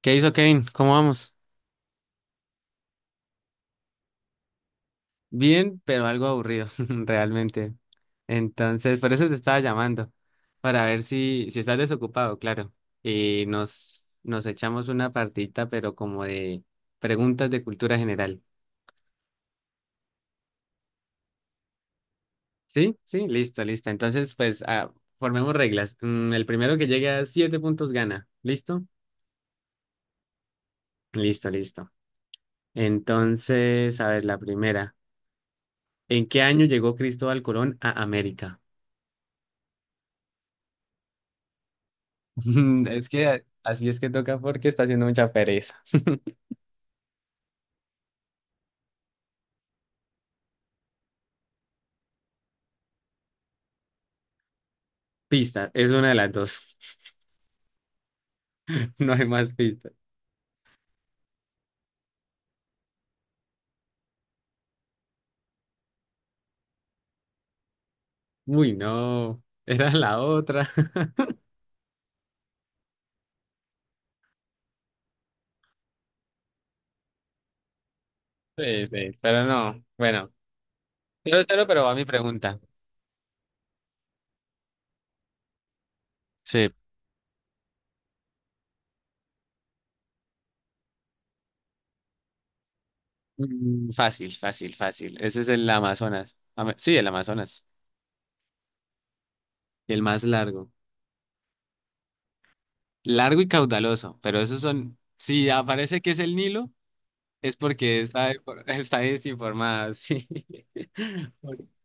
¿Qué hizo Kevin? ¿Cómo vamos? Bien, pero algo aburrido, realmente. Entonces, por eso te estaba llamando, para ver si estás desocupado, claro. Y nos echamos una partita, pero como de preguntas de cultura general. ¿Sí? Sí, listo, listo. Entonces, pues, formemos reglas. El primero que llegue a 7 puntos gana. ¿Listo? Listo, listo. Entonces, a ver, la primera. ¿En qué año llegó Cristóbal Colón a América? Es que así es que toca porque está haciendo mucha pereza. Pista, es una de las dos. No hay más pistas. Uy, no, era la otra. Sí, sí, pero no. Bueno, 0-0, pero va mi pregunta. Sí, fácil, fácil, fácil. Ese es el Amazonas. Sí, el Amazonas. El más largo. Largo y caudaloso, pero esos son... Si aparece que es el Nilo, es porque está, está desinformada, sí.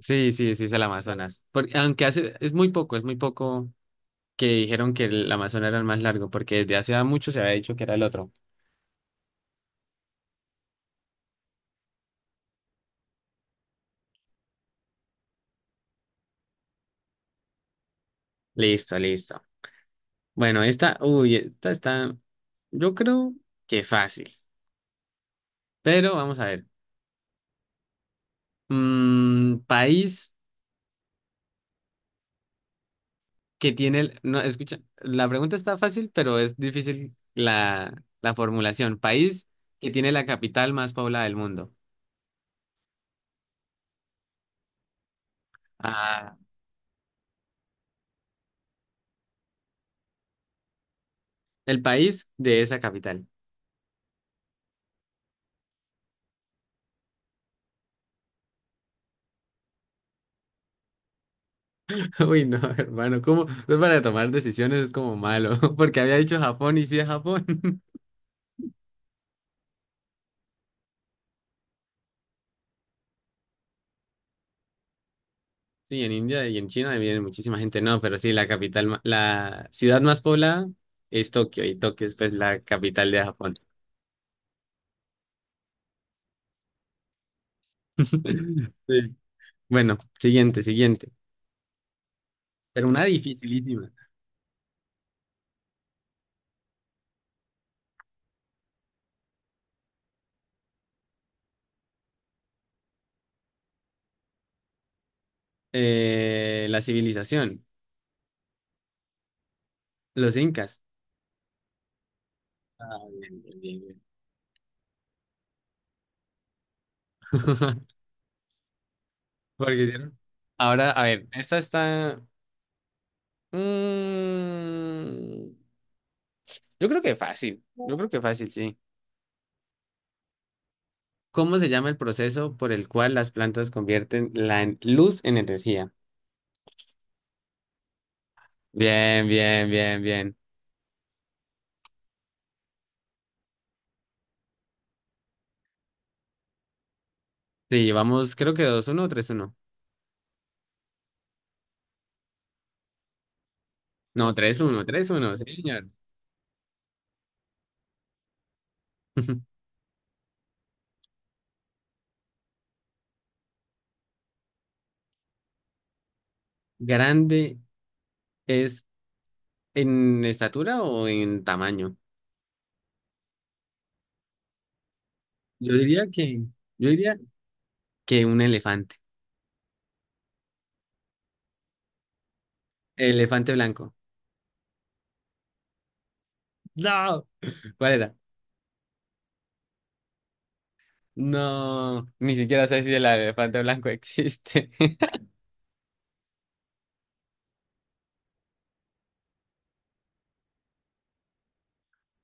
Sí, sí, sí es el Amazonas. Aunque hace, es muy poco que dijeron que el Amazonas era el más largo, porque desde hace mucho se había dicho que era el otro. Listo, listo. Bueno, esta, uy, esta está, yo creo que fácil, pero vamos a ver. País que tiene, no, escucha, la pregunta está fácil, pero es difícil la formulación. País que tiene la capital más poblada del mundo. Ah, el país de esa capital. Uy, no, hermano, ¿cómo? Pues para tomar decisiones es como malo, porque había dicho Japón y sí es Japón. Sí, en India y en China viene muchísima gente, no, pero sí, la capital, la ciudad más poblada es Tokio y Tokio es pues la capital de Japón. Sí. Bueno, siguiente, siguiente. Pero una dificilísima. La civilización, los incas. Ah, bien, bien, bien, bien. Porque, ¿vieron? Ahora, a ver, esta está... mm, yo creo que fácil, yo creo que fácil, sí. ¿Cómo se llama el proceso por el cual las plantas convierten luz en energía? Bien, bien, bien, bien. Sí, llevamos creo que dos uno o 3-1. No, tres uno tres uno. Sí, señor. ¿Grande es en estatura o en tamaño? Yo diría que, yo diría que un elefante. Elefante blanco. No, ¿cuál era? No, ni siquiera sé si el elefante blanco existe.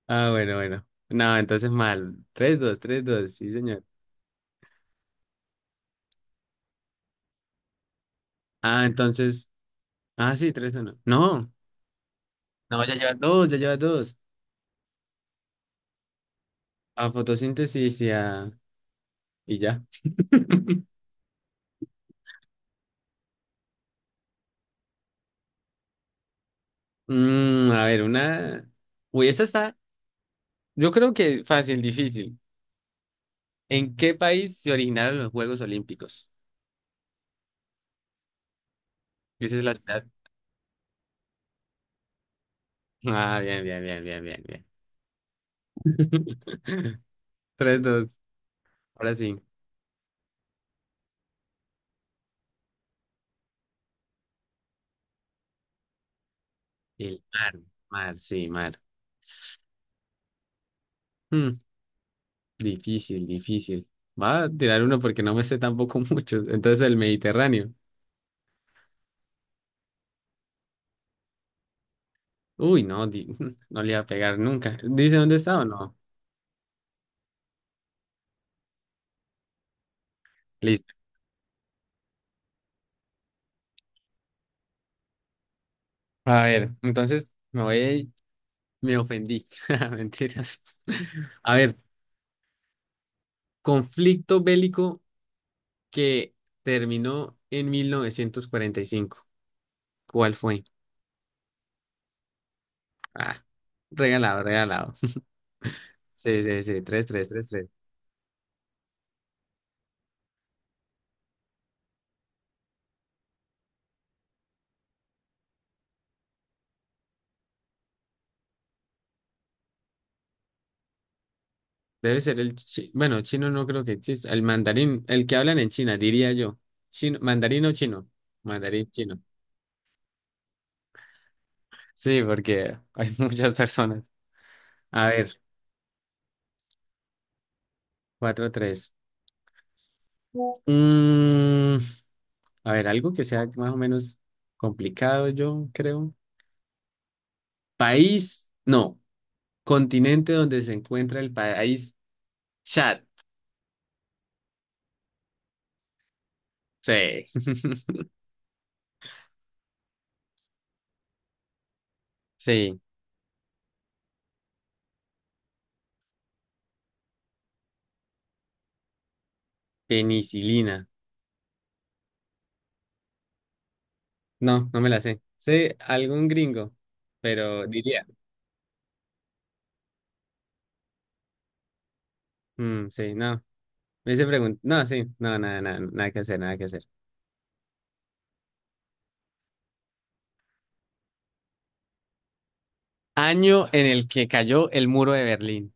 Ah, bueno, bueno. No, entonces mal. Tres, dos, tres, dos, sí, señor. Ah, entonces. Ah, sí, tres, uno. No, no, ya lleva dos, ya lleva dos. A fotosíntesis y a. Y ya. A ver, una. Uy, esta está. Yo creo que fácil, difícil. ¿En qué país se originaron los Juegos Olímpicos? Esa es la ciudad. Ah, bien, bien, bien, bien, bien, bien. Tres, dos. Ahora sí. El mar, mar, sí, mar. Hmm. Difícil, difícil. Va a tirar uno porque no me sé tampoco mucho. Entonces el Mediterráneo. Uy, no, no le iba a pegar nunca. ¿Dice dónde está o no? Listo. A ver, entonces me voy, me ofendí. Mentiras. A ver, conflicto bélico que terminó en 1945. ¿Cuál fue? Ah, regalado, regalado. Sí, sí, sí, tres, tres, tres, tres. Debe ser el bueno, chino no creo que exista. El mandarín, el que hablan en China, diría yo. Chino, mandarín o chino. Mandarín chino. Sí, porque hay muchas personas. A ver, 4-3. Mm, a ver, algo que sea más o menos complicado, yo creo. País, no. Continente donde se encuentra el país Chad. Sí. Sí. Penicilina. No, no me la sé. Sé algún gringo, pero diría. Sí, no. Me hice preguntar. No, sí, no, nada, nada, nada que hacer, nada que hacer. Año en el que cayó el muro de Berlín.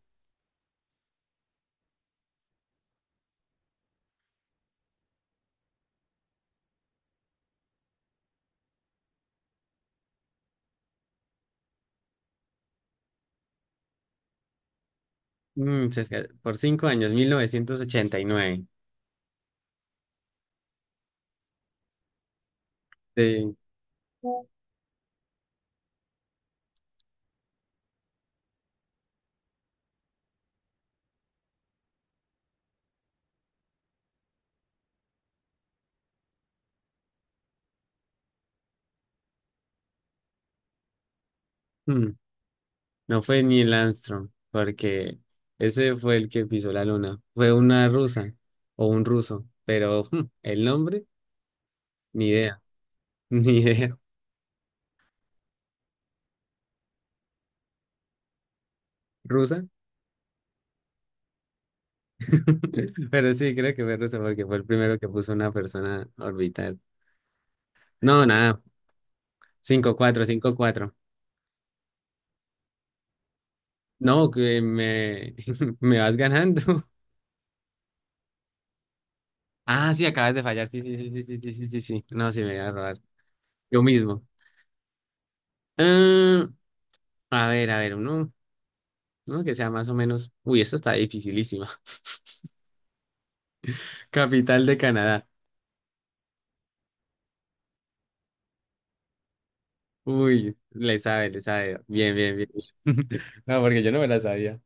Por 5 años, 1989. Sí. Mm, no fue Neil Armstrong, porque ese fue el que pisó la luna. Fue una rusa o un ruso, pero el nombre, ni idea, ni idea. ¿Rusa? Pero sí, creo que fue rusa porque fue el primero que puso una persona orbital. No, nada, 5-4, 5-4. No, que me, me vas ganando. Ah, sí, acabas de fallar. Sí, sí, sí, sí, sí, sí, sí, sí. Sí. No, sí, me voy a robar. Yo mismo. Mm, a ver, a ver, uno que sea más o menos. Uy, esto está dificilísima. Capital de Canadá. Uy, le sabe, le sabe. Bien, bien, bien. No, porque yo no me la sabía.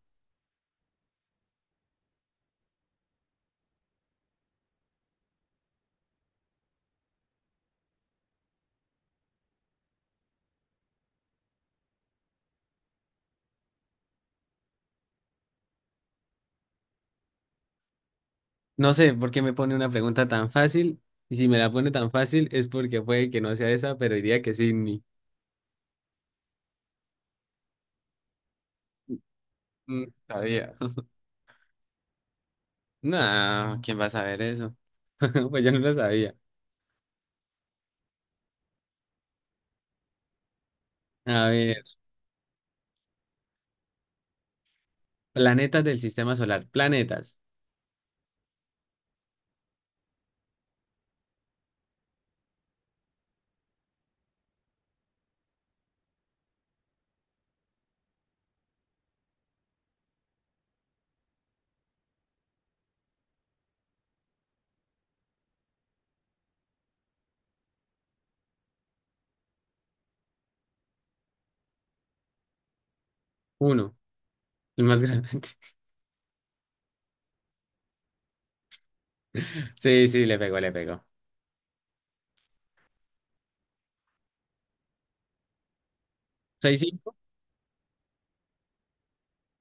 No sé por qué me pone una pregunta tan fácil. Y si me la pone tan fácil es porque puede que no sea esa, pero diría que Sydney. Sabía. No, ¿quién va a saber eso? Pues yo no lo sabía. A ver, planetas del sistema solar. Planetas. Uno, el más grande. Sí, sí, le pegó, le pegó. ¿Seis, cinco?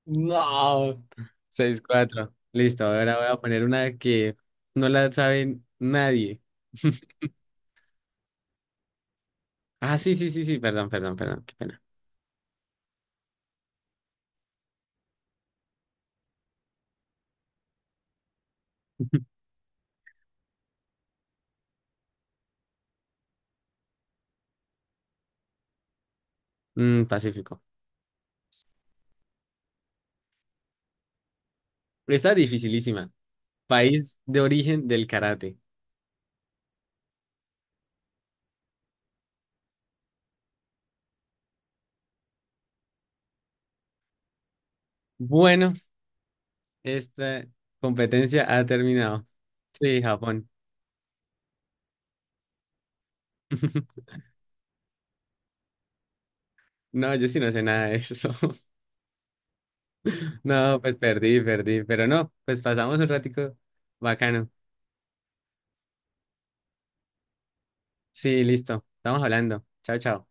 No. 6-4. Listo, ahora voy a poner una que no la sabe nadie. Ah, sí, sí, sí, sí, perdón, perdón, perdón, qué pena. Pacífico. Esta dificilísima. País de origen del karate. Bueno, esta competencia ha terminado. Sí, Japón. No, yo sí no sé nada de eso. No, pues perdí, perdí, pero no, pues pasamos un ratico bacano. Sí, listo, estamos hablando. Chao, chao.